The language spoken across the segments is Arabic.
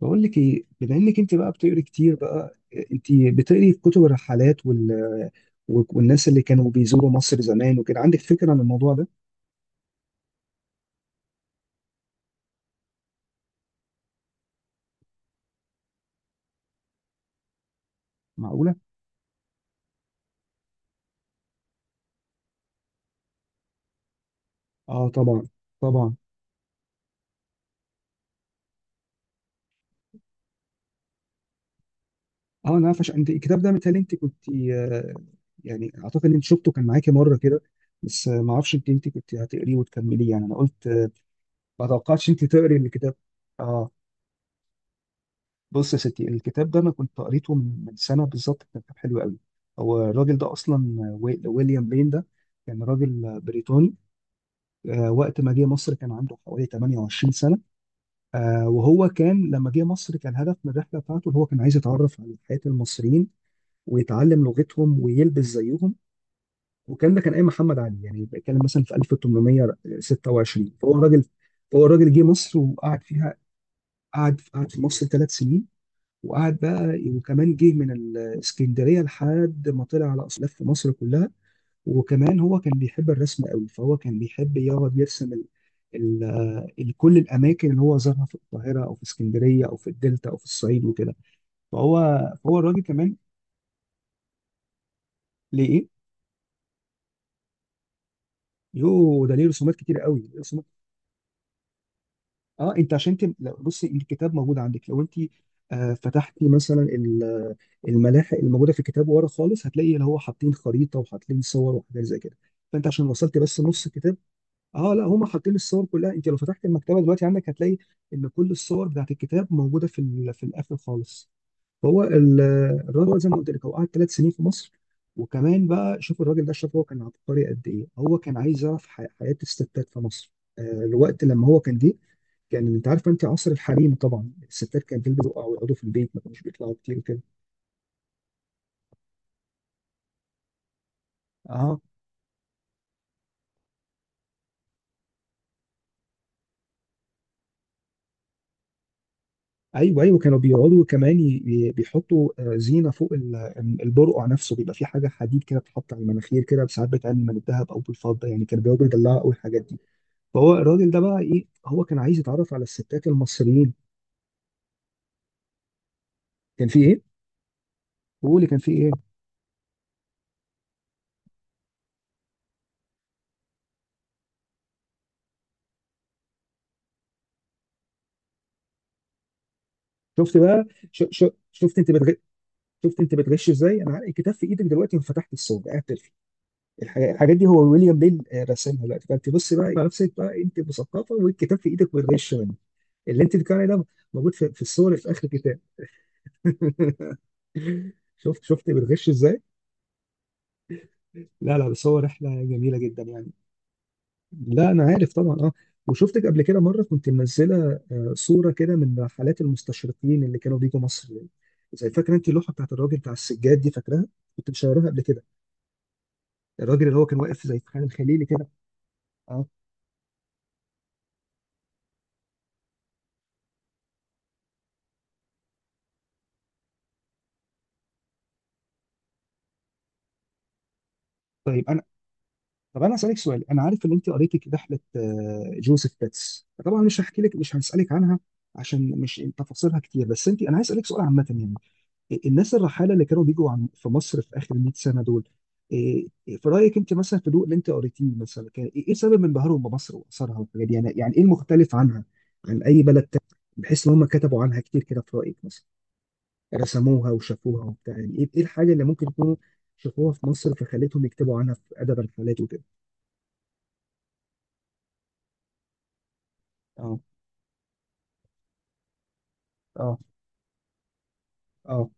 بقول لك ايه؟ بما انك انت بقى بتقري كتير بقى، انت بتقري كتب الرحلات والناس اللي كانوا بيزوروا مصر زمان وكده، عندك فكره عن الموضوع ده؟ معقوله. اه طبعا، طبعا. اه انا عارف، عشان انت الكتاب ده مثال، انت كنت يعني اعتقد ان انت شفته، كان معاكي مره كده، بس ما اعرفش انت كنت هتقريه وتكمليه، يعني انا قلت ما توقعتش انت تقري الكتاب. اه. بص يا ستي، الكتاب ده انا كنت قريته من سنه بالظبط، كان كتاب حلو قوي. هو الراجل ده اصلا ويليام بلين ده كان راجل بريطاني. وقت ما جه مصر كان عنده حوالي 28 سنه. وهو كان لما جه مصر كان هدف من الرحله بتاعته ان هو كان عايز يتعرف على حياه المصريين، ويتعلم لغتهم، ويلبس زيهم. والكلام ده كان ايام محمد علي، يعني بيتكلم مثلا في 1826، فهو راجل جه مصر وقعد فيها. قعد في مصر ثلاث سنين، وقعد بقى، وكمان جه من الاسكندريه لحد ما طلع على اصل لف مصر كلها. وكمان هو كان بيحب الرسم قوي، فهو كان بيحب يقعد يرسم كل الاماكن اللي هو زارها في القاهره او في اسكندريه او في الدلتا او في الصعيد وكده. فهو فهو الراجل كمان ليه ايه؟ يو ده ليه رسومات كتير قوي، رسومات. اه انت عشان بصي الكتاب موجود عندك، لو انت آه فتحتي مثلا الملاحق الموجوده في الكتاب ورا خالص، هتلاقي اللي هو حاطين خريطه وحاطين صور وحاجات زي كده، فانت عشان وصلت بس نص الكتاب. اه لا، هم حاطين الصور كلها. انت لو فتحت المكتبه دلوقتي عندك هتلاقي ان كل الصور بتاعت الكتاب موجوده في في الاخر خالص. هو ال- الراجل زي ما قلت لك، هو قعد ثلاث سنين في مصر، وكمان بقى شوف الراجل ده شاف، هو كان عبقري قد ايه! هو كان عايز يعرف حياة الستات في مصر. الوقت لما هو كان جه، كان انت عارفه، انت عصر الحريم طبعا الستات كانت تلبس بقى ويقعدوا في البيت، ما كانوش بيطلعوا كتير وكده. اه. ايوه، ايوه، كانوا بيقعدوا كمان بيحطوا زينه فوق البرقع نفسه، بيبقى في حاجه حديد كده بتتحط على المناخير كده، ساعات بتعمل من الذهب او بالفضه، يعني كانوا بيقعدوا يدلعوا قوي الحاجات دي. فهو الراجل ده بقى ايه، هو كان عايز يتعرف على الستات المصريين. كان في ايه؟ قولي كان في ايه؟ شفت بقى. ش... ش... شفت انت بتغ... شفت انت بتغش ازاي؟ انا الكتاب في ايدك دلوقتي وفتحت الصور، قاعد تلفي الحاجات دي هو ويليام بيل رسمها دلوقتي، فانت بص بقى على نفسك بقى، انت مثقفه والكتاب في ايدك بتغش منه. اللي انت بتتكلم عليه ده موجود في الصور اللي في اخر الكتاب. شفت، شفت بتغش ازاي؟ لا لا، بس هو رحله جميله جدا يعني. لا انا عارف طبعا، اه. وشفتك قبل كده مره كنت منزله صوره كده من رحلات المستشرقين اللي كانوا بيجوا مصر يعني. زي، فاكره انت اللوحه بتاعت الراجل بتاع السجاد دي؟ فاكراها؟ كنت مشاوراها قبل كده، الراجل اللي هو كان واقف زي في خان الخليلي كده. اه. طيب انا طب انا اسالك سؤال، انا عارف ان انت قريتي رحله جوزيف بيتس، طبعا مش هحكي لك، مش هسالك عنها عشان مش تفاصيلها كتير، بس انت، انا عايز اسالك سؤال عامه يعني، الناس الرحاله اللي كانوا بيجوا في مصر في اخر 100 سنه دول، إيه- إيه، في رايك انت مثلا في ضوء اللي انت قريتيه مثلا، كان ايه سبب انبهارهم بمصر واثارها والحاجات دي؟ يعني ايه المختلف عنها عن اي بلد تاني، بحيث ان هم كتبوا عنها كتير كده؟ في رايك مثلا رسموها وشافوها وبتاع، يعني ايه الحاجه اللي ممكن يكونوا شافوها في مصر فخلتهم يكتبوا عنها في ادب الرحلات وكده؟ اه. اه. اه.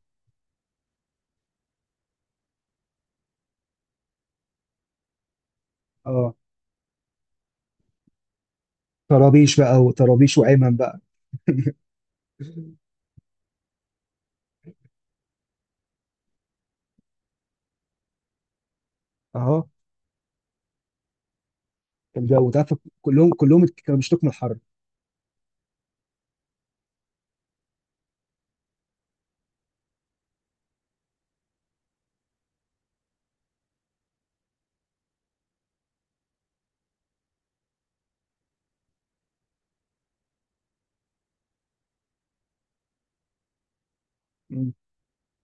اه. طرابيش بقى، وطرابيش، وأيمن بقى. اه. الجو ده، كلهم، كلهم كانوا بيشتكوا من الحر.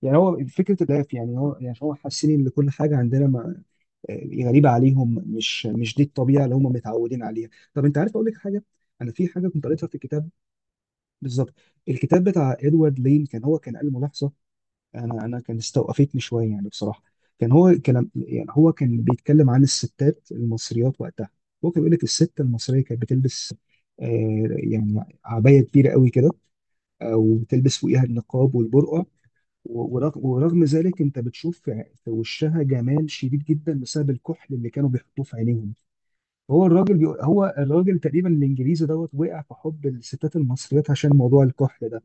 يعني هو فكرة الراب، يعني هو، يعني هو حاسين ان كل حاجة عندنا، ما غريبة عليهم، مش دي الطبيعة اللي هم متعودين عليها. طب انت عارف اقول لك حاجة، انا في حاجة كنت قريتها في الكتاب. بالظبط. الكتاب بتاع ادوارد لين، كان هو كان قال ملاحظة، انا كان استوقفتني شوية يعني بصراحة. كان هو كان بيتكلم عن الستات المصريات وقتها. هو كان بيقول لك الست المصرية كانت بتلبس يعني عباية كبيرة قوي كده، وبتلبس فوقيها النقاب والبرقع. ورغم ذلك انت بتشوف في وشها جمال شديد جدا بسبب الكحل اللي كانوا بيحطوه في عينيهم. هو الراجل بيقول، هو الراجل تقريبا الانجليزي دوت وقع في حب الستات المصريات عشان موضوع الكحل ده.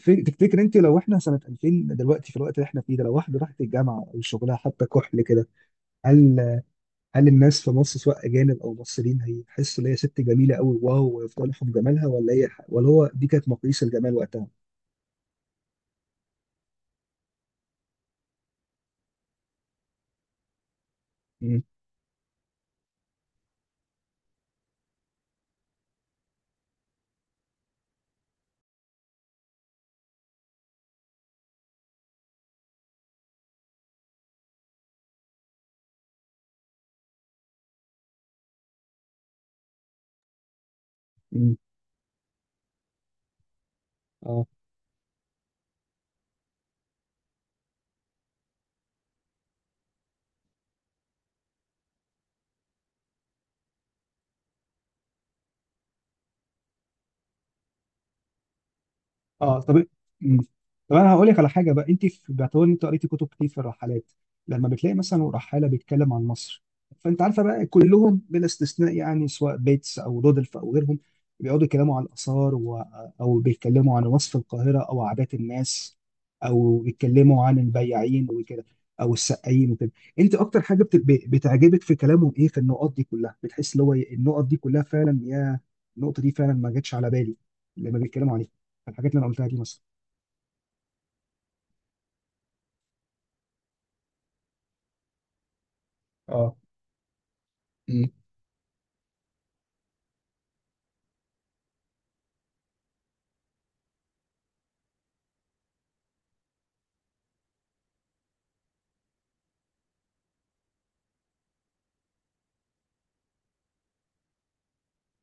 فتفتكر انت لو احنا سنة 2000 دلوقتي، في الوقت اللي احنا فيه ده، لو واحدة راحت الجامعة او شغلها حتى كحل كده، هل، هل الناس في مصر سواء اجانب او مصريين هيحسوا ان هي ست جميلة قوي، واو، ويفضلوا في جمالها، ولا هي، ولا هو دي كانت مقاييس الجمال وقتها؟ امم، امم، اه، اه، طب، مم. طب انا هقول لك على حاجه بقى، انت في باعتبار ان انت قريتي كتب كتير في الرحلات، لما بتلاقي مثلا رحاله بيتكلم عن مصر، فانت عارفه بقى كلهم بلا استثناء يعني، سواء بيتس او رودلف او غيرهم، بيقعدوا يتكلموا عن الاثار او بيتكلموا عن وصف القاهره او عادات الناس، او بيتكلموا عن البياعين وكده، او السقايين وكده، انت اكتر حاجه بتعجبك في كلامهم ايه في النقط دي كلها؟ بتحس اللي هو النقط دي كلها فعلا، يا النقطه دي فعلا ما جاتش على بالي لما بيتكلموا عليها، الحاجات اللي انا قلتها دي مثلا. اه. امم.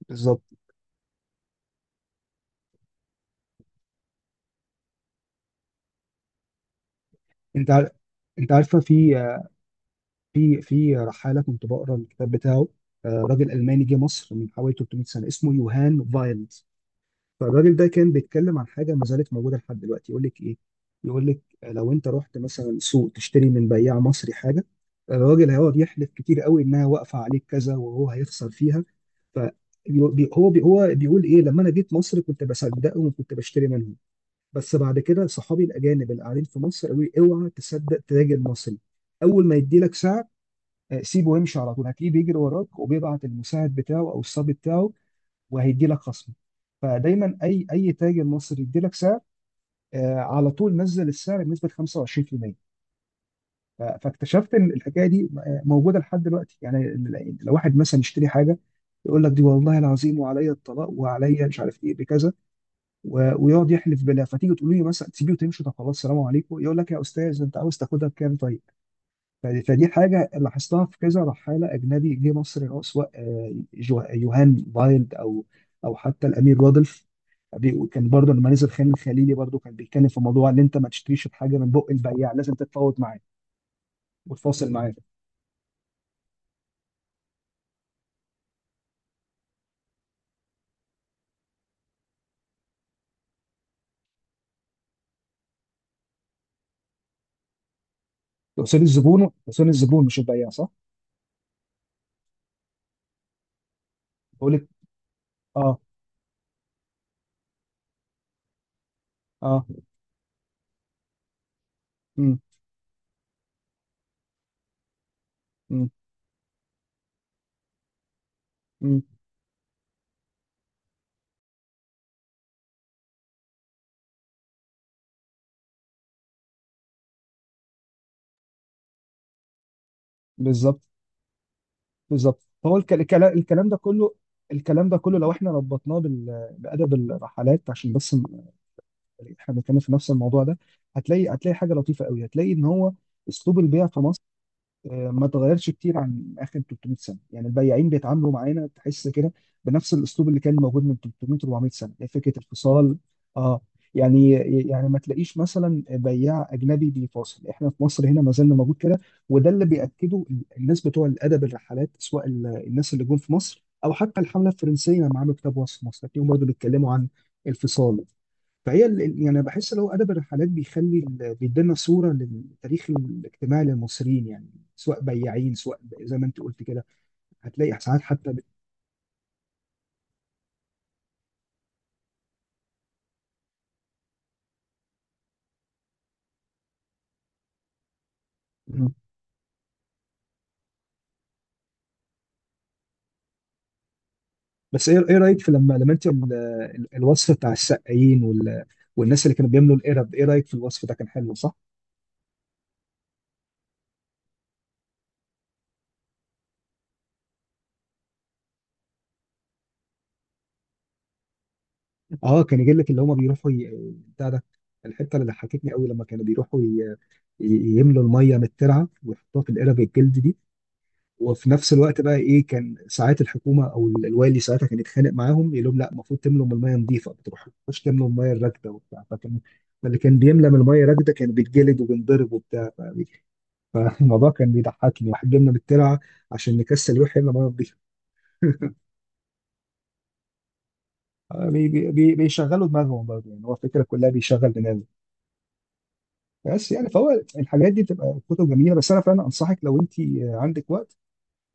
بالظبط. انت عار- انت عارفه، في رحاله كنت بقرا الكتاب بتاعه، راجل الماني جه مصر من حوالي 300 سنه اسمه يوهان فايلد. فالراجل ده كان بيتكلم عن حاجه ما زالت موجوده لحد دلوقتي، يقول لك ايه، يقول لك لو انت رحت مثلا سوق تشتري من بياع مصري حاجه، الراجل هيقعد يحلف كتير قوي انها واقفه عليك كذا وهو هيخسر فيها. ف بي- هو بيقول ايه، لما انا جيت مصر كنت بصدقه وكنت بشتري منه، بس بعد كده صحابي الاجانب اللي قاعدين في مصر قالوا لي اوعى تصدق تاجر مصري، اول ما يدي لك سعر سيبه وامشي، على طول هتلاقيه بيجري وراك وبيبعت المساعد بتاعه او الصبي بتاعه وهيدي لك خصم. فدايما اي تاجر مصري يدي لك سعر على طول نزل السعر بنسبه 25%. فاكتشفت ان الحكايه دي موجوده لحد دلوقتي، يعني لو واحد مثلا يشتري حاجه يقول لك دي والله العظيم وعليا الطلاق وعليا مش عارف ايه بكذا، ويقعد يحلف بالله، فتيجي تقولي له مثلا تسيبيه وتمشي، طب خلاص سلام عليكم، يقول لك يا استاذ انت عاوز تاخدها بكام طيب. فدي حاجه لاحظتها في كذا رحاله اجنبي جه مصر، اللي هو سواء يوهان بايلد، او او حتى الامير رودلف، كان برضه لما نزل خان الخليلي برضه كان بيتكلم في موضوع ان انت ما تشتريش الحاجه من بق البياع، لازم تتفاوض معاه وتفاصل معاه. تقصد الزبون مش البياع صح؟ بقول لك. اه. اه. امم. امم. بالظبط. بالظبط. فهو الكلام ده كله، لو احنا ربطناه بأدب الرحلات عشان بس احنا بنتكلم في نفس الموضوع ده، هتلاقي، حاجة لطيفة قوي، هتلاقي ان هو اسلوب البيع في مصر ما اتغيرش كتير عن اخر 300 سنه، يعني البياعين بيتعاملوا معانا تحس كده بنفس الاسلوب اللي كان موجود من 300 400 سنه، يعني فكره الفصال. اه. يعني، ما تلاقيش مثلا بياع اجنبي بيفاصل، احنا في مصر هنا ما زلنا موجود كده. وده اللي بياكده الناس بتوع الادب الرحلات، سواء الناس اللي جم في مصر، او حتى الحمله الفرنسيه لما عملوا كتاب وصف مصر، هتلاقيهم برضه بيتكلموا عن الفصال. فهي يعني بحس لو ادب الرحلات بيخلي بيدينا صوره للتاريخ الاجتماعي للمصريين يعني، سواء بياعين، سواء زي ما انت قلت كده هتلاقي ساعات حتى مم. بس ايه، رايك في لما، انت الوصف بتاع السقايين والناس اللي كانوا بيملوا القرب، ايه رايك في الوصف ده؟ كان حلو صح؟ اه كان يجي لك اللي هم بيروحوا بتاع ده، الحته اللي ضحكتني قوي لما كانوا بيروحوا يملوا الميه من الترعه ويحطوها في القرب الجلد دي، وفي نفس الوقت بقى ايه، كان ساعات الحكومه او الوالي ساعتها كان يتخانق معاهم يقول لهم لا المفروض تملوا من الميه نظيفه، ما تروحوش تملوا من الميه الراكده وبتاع، فكان، فاللي كان بيملى من الميه الراكده كان بيتجلد وبينضرب وبتاع. فالموضوع كان بيضحكني، واحد جبنا بالترعه عشان نكسل يروح يملى ميه نظيفه. بيشغلوا دماغهم برضه، يعني هو الفكره كلها بيشغل دماغه. بس يعني فهو الحاجات دي بتبقى كتب جميله. بس انا فعلا انصحك لو انت عندك وقت،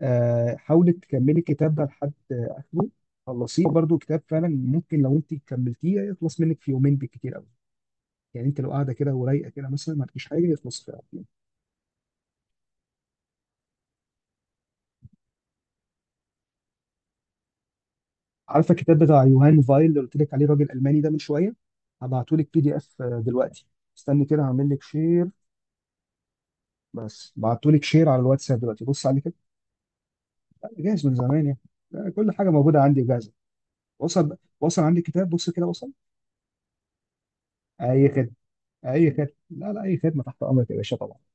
حاولي تكملي الكتاب ده لحد اخره، خلصيه برضو، كتاب فعلا ممكن لو انت كملتيه يخلص منك في يومين بالكتير قوي، يعني انت لو قاعده كده ورايقه كده مثلا ما فيش حاجه يخلص في يوم. عارفه الكتاب بتاع يوهان فايل اللي قلت لك عليه، الراجل الالماني ده من شويه؟ هبعتهولك PDF دلوقتي. استني كده هعمل لك شير. بس، بعتهولك شير على الواتساب دلوقتي، بص عليه كده. لا، جاهز من زمان يعني. لا، كل حاجه موجوده عندي جاهزه. وصل، وصل عندي الكتاب، بص كده، وصل. اي خدمه. اي خدمه، لا لا، اي خدمه تحت امرك يا باشا طبعا.